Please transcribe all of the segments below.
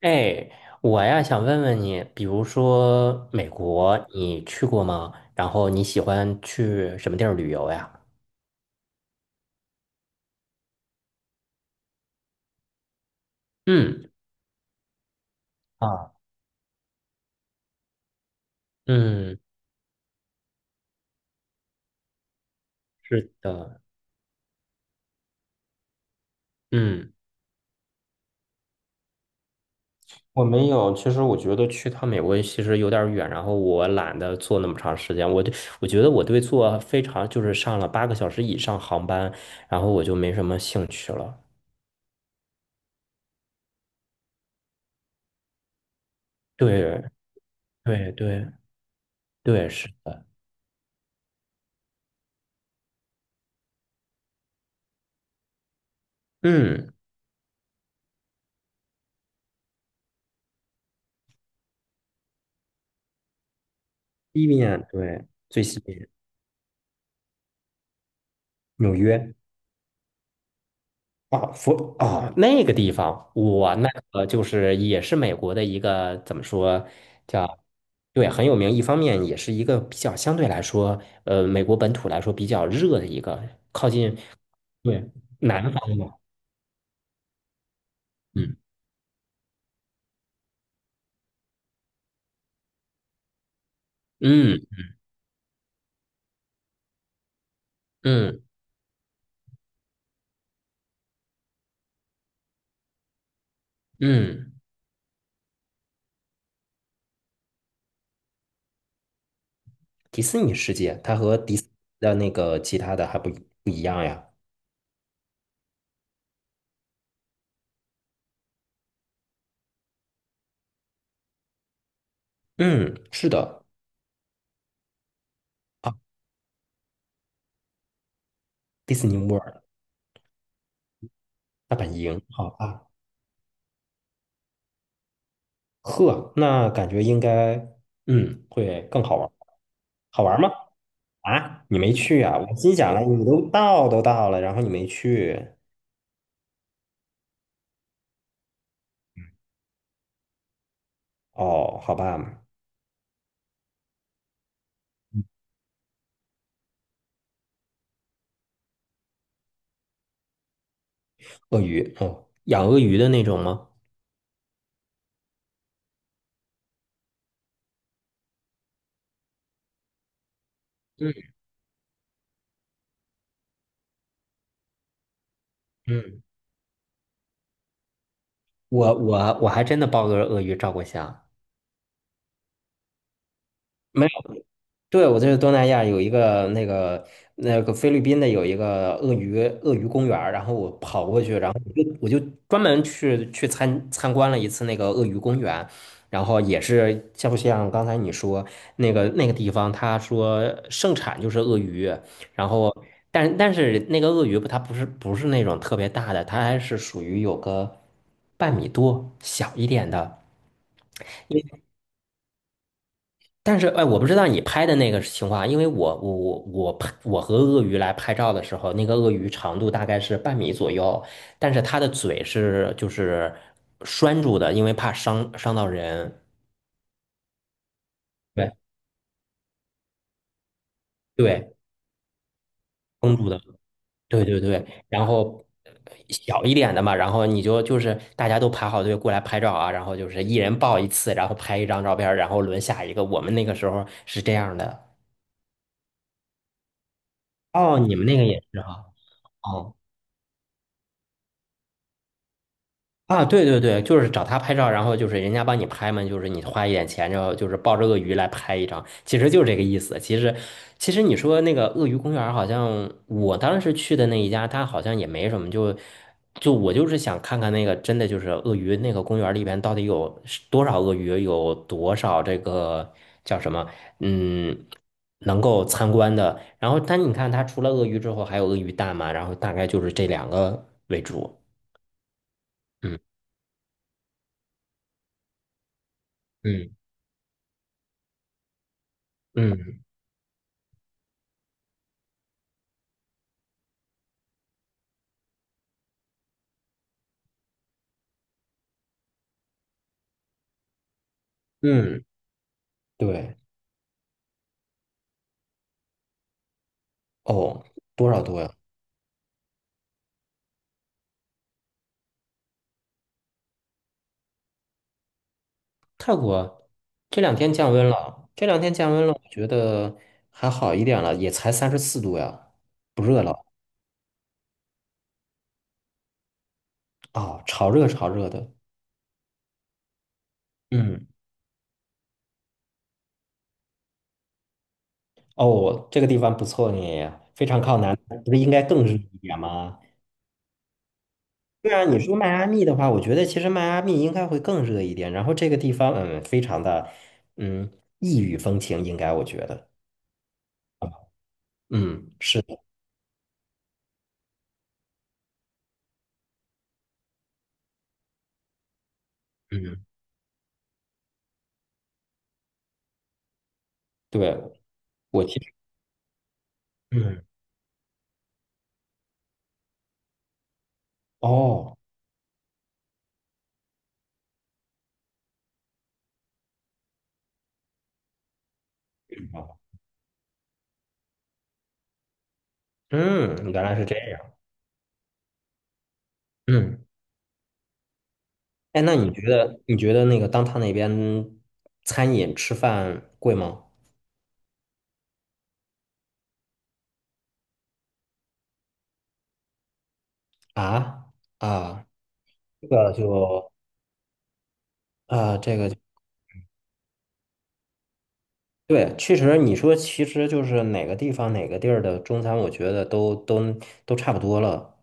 哎，我呀想问问你，比如说美国，你去过吗？然后你喜欢去什么地儿旅游呀？嗯啊，嗯，是的。嗯，我没有。其实我觉得去趟美国其实有点儿远，然后我懒得坐那么长时间。我觉得我对坐非常就是上了8个小时以上航班，然后我就没什么兴趣了。对，对，对，对，是的。嗯，西边，对，最西边。纽约。啊，佛啊，那个地方，我那个就是也是美国的一个怎么说叫。对，很有名。一方面也是一个比较相对来说，美国本土来说比较热的一个靠近。对，南方嘛。嗯嗯嗯嗯。迪士尼世界，它和迪斯的那个其他的还不一样呀。嗯，是的。迪士尼 World 大本营，好啊。呵，那感觉应该会更好玩。好玩吗？啊，你没去啊？我心想了，你都到了，然后你没去。哦，好吧。鳄鱼，哦，养鳄鱼的那种吗？嗯嗯，我还真的抱个鳄鱼照过相。没对，我这是东南亚有一个那个菲律宾的有一个鳄鱼公园儿，然后我跑过去，然后我就专门去参观了一次那个鳄鱼公园。然后也是像不像刚才你说那个地方，他说盛产就是鳄鱼。然后但是那个鳄鱼不它不是不是那种特别大的，它还是属于有个半米多小一点的。但是，哎，我不知道你拍的那个情况啊，因为我拍我和鳄鱼来拍照的时候，那个鳄鱼长度大概是半米左右，但是它的嘴是就是拴住的，因为怕伤到人。对对，封住的。对对对。然后小一点的嘛，然后你就就是大家都排好队过来拍照啊，然后就是一人抱一次，然后拍一张照片儿，然后轮下一个。我们那个时候是这样的。哦，你们那个也是哈。哦啊，对对对，就是找他拍照，然后就是人家帮你拍嘛，就是你花一点钱，然后就是抱着鳄鱼来拍一张，其实就是这个意思。其实，其实你说那个鳄鱼公园，好像我当时去的那一家，它好像也没什么，就我就是想看看那个真的就是鳄鱼那个公园里边到底有是多少鳄鱼，有多少这个叫什么，嗯，能够参观的。然后，但你看它除了鳄鱼之后还有鳄鱼蛋嘛，然后大概就是这两个为主。嗯嗯嗯。嗯，对，哦，多少度呀？泰国这两天降温了，我觉得还好一点了，也才34度呀，不热了。啊，潮热潮热的。嗯，哦，这个地方不错呢，非常靠南，不是应该更热一点吗？对啊，你说迈阿密的话，我觉得其实迈阿密应该会更热一点，然后这个地方，嗯，非常的，嗯，异域风情，应该我觉得。嗯，是的。嗯，对，我其实。嗯。哦。哦嗯，原来是这样。嗯，哎，那你觉得那个当他那边餐饮吃饭贵吗？啊。啊，这个就。啊，这个就。对，确实你说其实就是哪个地方哪个地儿的中餐，我觉得都都差不多了。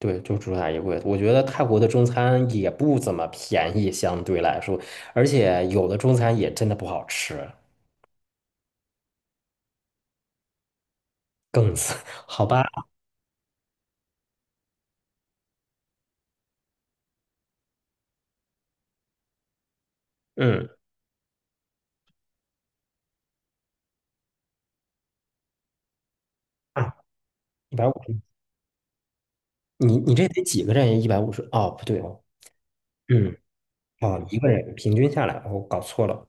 对，就主打一贵。我觉得泰国的中餐也不怎么便宜，相对来说，而且有的中餐也真的不好吃。更次，好吧？嗯。啊，一百五。你这得几个人？150？哦，不对哦。嗯，哦，一个人平均下来，我搞错了。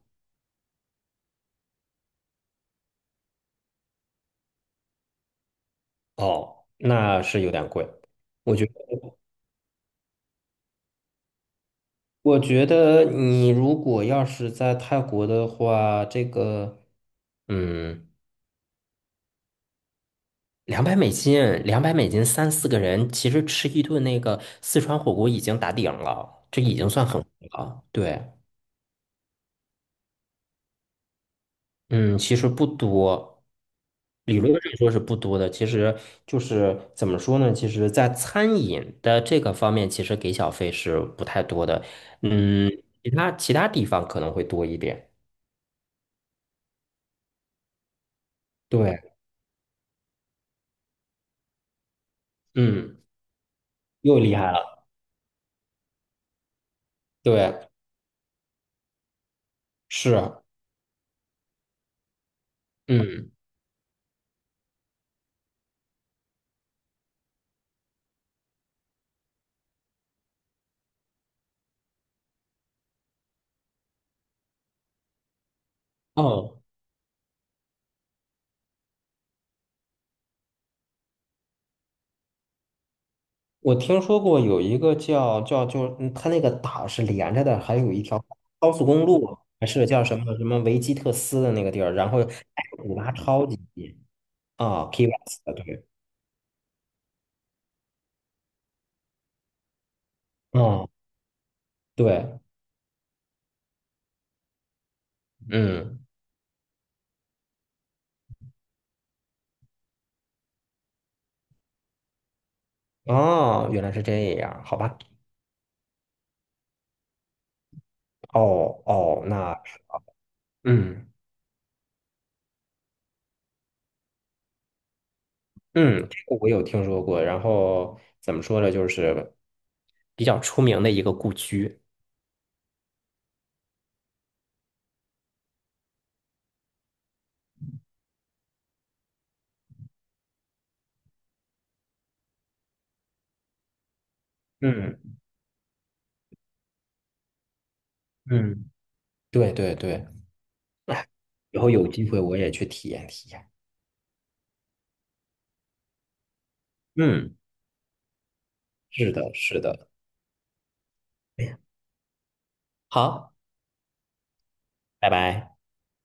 哦，那是有点贵。我觉得，我觉得你如果要是在泰国的话，这个，嗯，两百美金，两百美金三四个人，其实吃一顿那个四川火锅已经打顶了，这已经算很贵了。对。嗯，其实不多，理论上说是不多的。其实就是怎么说呢？其实，在餐饮的这个方面，其实给小费是不太多的。嗯，其他地方可能会多一点。对。嗯，又厉害了。对，是。嗯，哦，我听说过有一个叫就，嗯它那个岛是连着的，还有一条高速公路，还是叫什么什么维基特斯的那个地儿，然后古巴超级近。啊，Key West,对。嗯，对，嗯。哦，原来是这样，好吧。哦哦，那，嗯嗯，这个我有听说过，然后怎么说呢，就是比较出名的一个故居。嗯嗯，对对对。以后有机会我也去体验体验。嗯，是的，是的。好，拜拜。